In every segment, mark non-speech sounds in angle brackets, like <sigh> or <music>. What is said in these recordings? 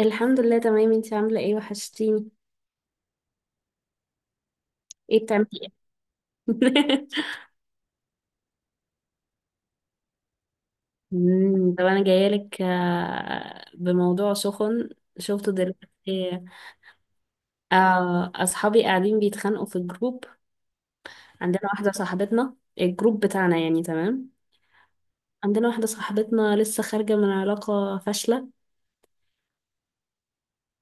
الحمد لله تمام. انتي عاملة ايه؟ وحشتيني. ايه بتعملي ايه؟ <laughs> طب انا جايلك بموضوع سخن. شفته دلوقتي؟ اصحابي قاعدين بيتخانقوا في الجروب. عندنا واحدة صاحبتنا، الجروب بتاعنا يعني تمام. عندنا واحدة صاحبتنا لسه خارجة من علاقة فاشلة.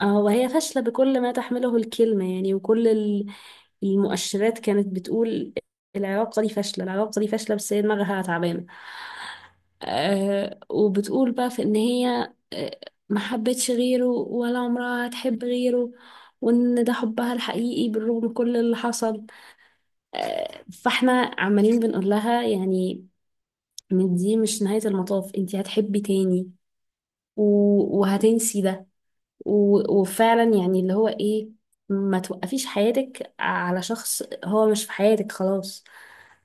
اه، وهي فاشلة بكل ما تحمله الكلمة يعني، وكل المؤشرات كانت بتقول العلاقة دي فاشلة، العلاقة دي فاشلة، بس هي دماغها تعبانة. آه، وبتقول بقى في ان هي ما حبتش غيره ولا عمرها هتحب غيره، وان ده حبها الحقيقي بالرغم من كل اللي حصل. فاحنا عمالين بنقول لها يعني إن دي مش نهاية المطاف، انتي هتحبي تاني وهتنسي ده، وفعلا يعني اللي هو ايه، ما توقفيش حياتك على شخص هو مش في حياتك خلاص.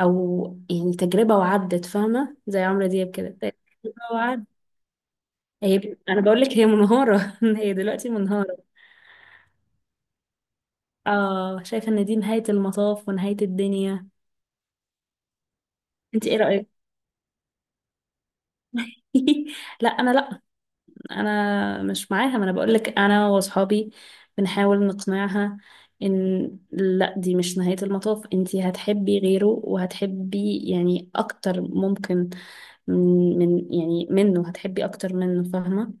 او يعني تجربة وعدت، فاهمة؟ زي عمرو دياب كده، تجربة وعدت. انا بقول لك هي منهارة <laughs> هي دلوقتي منهارة. اه، شايفة ان دي نهاية المطاف ونهاية الدنيا. انت ايه رأيك؟ <laughs> لا، انا لا. انا مش معاها، ما انا بقولك، انا واصحابي بنحاول نقنعها ان لا، دي مش نهاية المطاف، انتي هتحبي غيره وهتحبي يعني اكتر، ممكن من يعني منه، هتحبي اكتر منه، فاهمة؟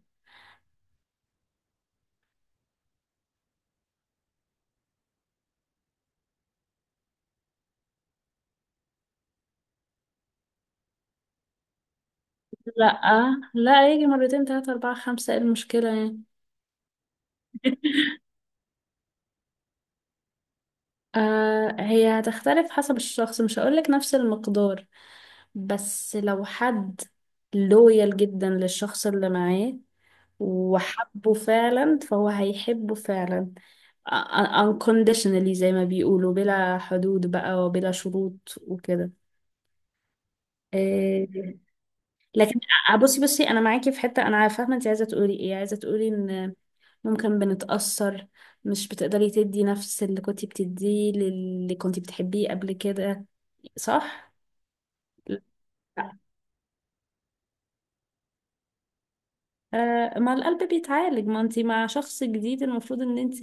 لا لا، يجي مرتين تلاتة اربعة خمسة، ايه المشكلة يعني؟ هي هتختلف حسب الشخص، مش هقولك نفس المقدار. بس لو حد لويال جدا للشخص اللي معاه وحبه فعلا فهو هيحبه فعلا unconditionally زي ما بيقولوا، بلا حدود بقى وبلا شروط وكده. إيه، لكن بصي بصي، انا معاكي في حتة. انا فاهمة انت عايزة تقولي ايه، عايزة تقولي ان ممكن بنتأثر، مش بتقدري تدي نفس اللي كنت بتديه للي كنت بتحبيه قبل كده، صح؟ لا. ما القلب بيتعالج، ما انت مع شخص جديد المفروض ان انت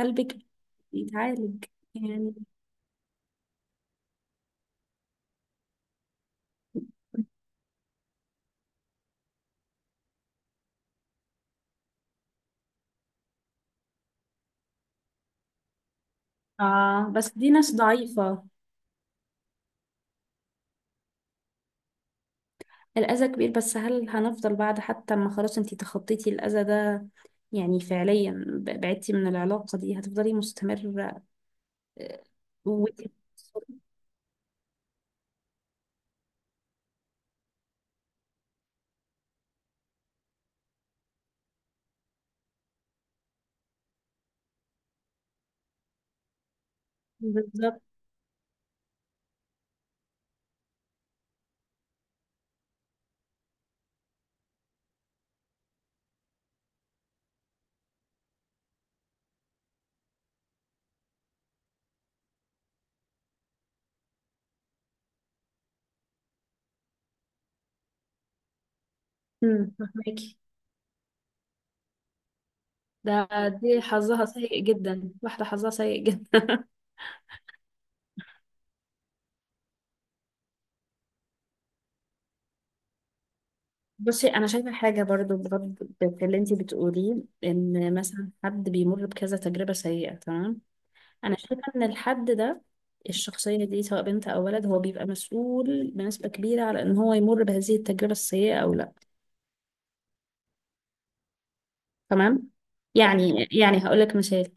قلبك بيتعالج يعني. اه، بس دي ناس ضعيفة. الأذى كبير، بس هل هنفضل بعد، حتى ما خلاص انتي تخطيتي الأذى ده، يعني فعليا بعدتي من العلاقة دي، هتفضلي مستمرة؟ آه، وانتي بالظبط. فهماكي. دي حظها سيء جدا، واحدة حظها سيء جدا. <laughs> بصي، أنا شايفة حاجة برضو بغض في اللي انتي بتقوليه. إن مثلا حد بيمر بكذا تجربة سيئة، تمام. انا شايفه ان الحد ده، الشخصيه دي سواء بنت او ولد، هو بيبقى مسؤول بنسبه كبيره على ان هو يمر بهذه التجربه السيئه او لا. تمام. يعني هقول لك مثال.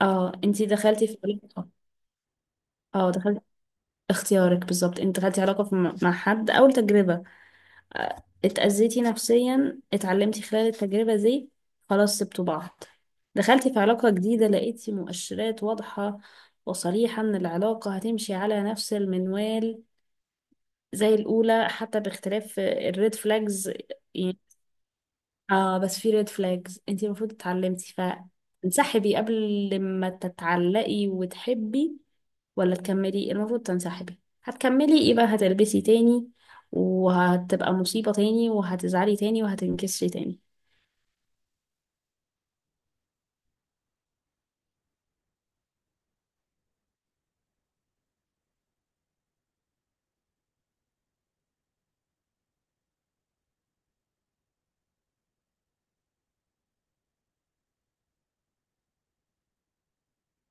اه، انتي دخلتي في علاقه. اه دخلتي، اختيارك بالظبط. انت دخلتي علاقه مع حد، اول تجربه، اتأذيتي نفسيا، اتعلمتي خلال التجربه دي، خلاص سبتوا بعض. دخلتي في علاقه جديده، لقيتي مؤشرات واضحه وصريحه ان العلاقه هتمشي على نفس المنوال زي الأولى، حتى باختلاف الريد فلاجز يعني. اه بس في ريد فلاجز انت المفروض اتعلمتي، فتنسحبي قبل ما تتعلقي وتحبي ولا تكملي. المفروض تنسحبي. هتكملي يبقى هتلبسي تاني، وهتبقى مصيبة تاني، وهتزعلي تاني، وهتنكسري تاني.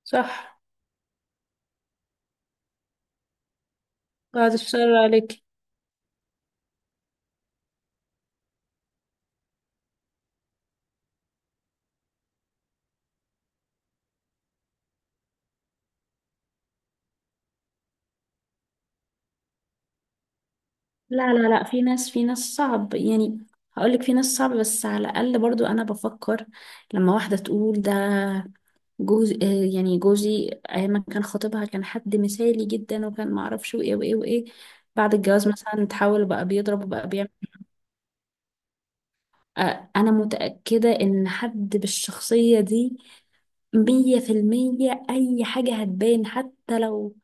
صح. بعد الشر عليك. لا لا لا، في ناس صعب يعني. هقولك في ناس صعب، بس على الأقل برضو أنا بفكر لما واحدة تقول ده جوز. يعني جوزي ايام ما كان خاطبها كان حد مثالي جدا، وكان معرفش وايه وايه وايه. بعد الجواز مثلا اتحول بقى بيضرب وبقى بيعمل. انا متأكدة ان حد بالشخصية دي، 100% اي حاجة هتبان، حتى لو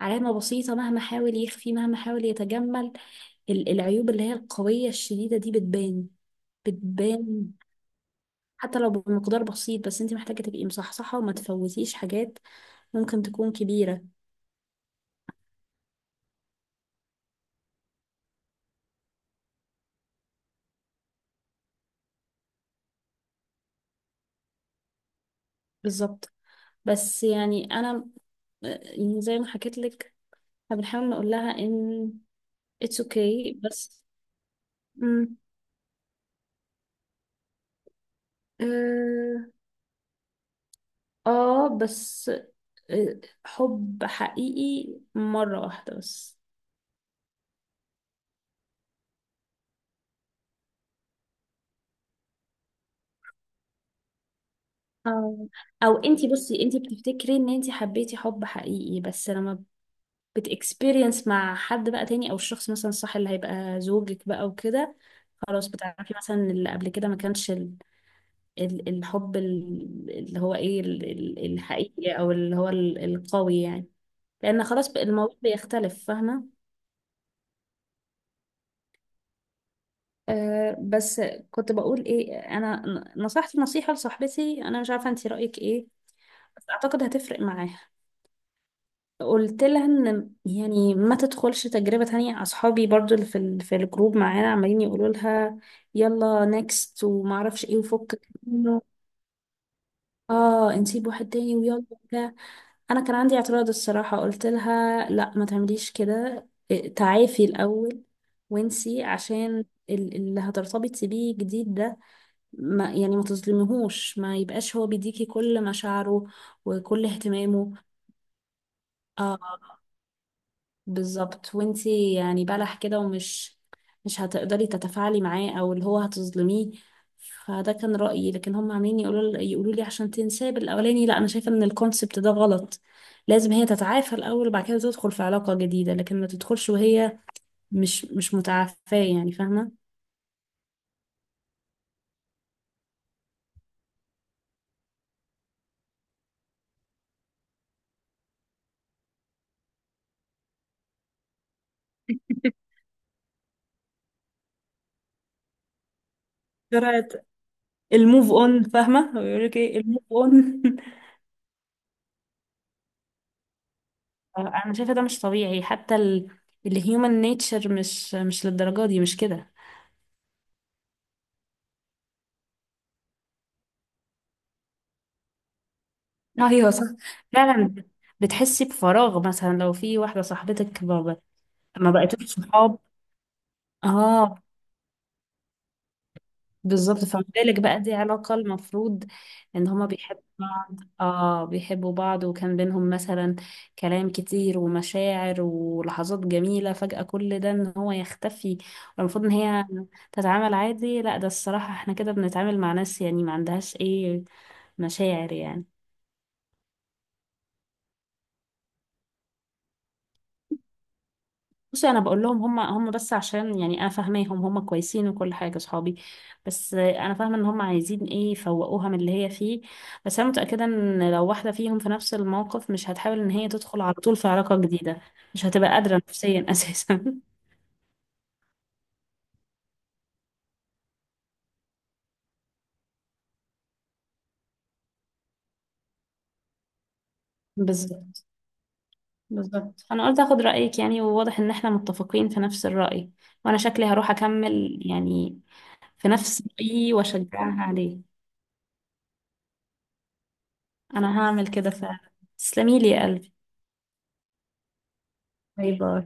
علامة بسيطة. مهما حاول يخفي مهما حاول يتجمل، العيوب اللي هي القوية الشديدة دي بتبان. بتبان حتى لو بمقدار بسيط، بس انت محتاجة تبقي مصحصحة وما تفوتيش حاجات ممكن تكون كبيرة. بالظبط. بس يعني انا، يعني زي ما حكيت لك، احنا بنحاول نقول لها ان اتس اوكي okay، بس. مم. اه. بس حب حقيقي مرة واحدة بس. اه. او انتي بصي، انتي بتفتكري ان انتي حبيتي حب حقيقي، بس لما بتكسبيرينس مع حد بقى تاني، او الشخص مثلا الصح اللي هيبقى زوجك بقى وكده، خلاص بتعرفي مثلا إن اللي قبل كده ما كانش الحب، اللي هو ايه، الحقيقي او اللي هو القوي يعني، لان خلاص بقى الموضوع بيختلف، فاهمه؟ بس كنت بقول ايه انا. نصحت نصيحه لصاحبتي، انا مش عارفه انت رايك ايه، بس اعتقد هتفرق معاها. قلت لها ان يعني ما تدخلش تجربه تانية. اصحابي برضو اللي في في الجروب معانا عمالين يقولوا لها يلا نكست وما اعرفش ايه وفكك منه. اه، نسيب واحد تاني ويلا وبتاع. انا كان عندي اعتراض الصراحة. قلت لها لا، ما تعمليش كده، تعافي الاول وانسي، عشان اللي هترتبطي بيه جديد ده، ما يعني ما تظلميهوش، ما يبقاش هو بيديكي كل مشاعره وكل اهتمامه. اه. بالظبط، وانتي يعني بلح كده، ومش مش هتقدري تتفاعلي معاه، او اللي هو هتظلميه. فده كان رأيي، لكن هم عاملين يقولوا لي عشان تنساه بالاولاني. لا، انا شايفه ان الكونسبت ده غلط. لازم هي تتعافى الاول وبعد كده تدخل في علاقه جديده، لكن ما تدخلش وهي مش متعافاه، يعني فاهمه؟ جرعة الموف اون، فاهمه؟ بيقول لك ايه الموف اون <laughs> انا شايفه ده مش طبيعي. حتى الهيومن نيتشر مش للدرجه دي، مش كده؟ ايوه صح، فعلا. بتحسي بفراغ مثلا لو في واحده صاحبتك ما بقتوش صحاب. اه. بالظبط. فما بالك بقى دي علاقه، المفروض ان هما بيحبوا بعض، اه بيحبوا بعض، وكان بينهم مثلا كلام كتير ومشاعر ولحظات جميله، فجاه كل ده ان هو يختفي، والمفروض ان هي تتعامل عادي؟ لا، ده الصراحه احنا كده بنتعامل مع ناس يعني ما عندهاش ايه مشاعر يعني. بصي، انا بقول لهم، هم هم بس عشان، يعني انا فاهماهم، هم كويسين وكل حاجه صحابي، بس انا فاهمه ان هم عايزين ايه يفوقوها من اللي هي فيه. بس انا متاكده ان لو واحده فيهم في نفس الموقف مش هتحاول ان هي تدخل على طول في علاقه جديده، مش هتبقى قادره نفسيا <laughs> اساسا. بالظبط. بالظبط. انا قلت اخد رايك يعني، وواضح ان احنا متفقين في نفس الراي، وانا شكلي هروح اكمل يعني في نفس رايي واشجعها عليه. انا هعمل كده فعلا. تسلمي لي يا قلبي. باي باي.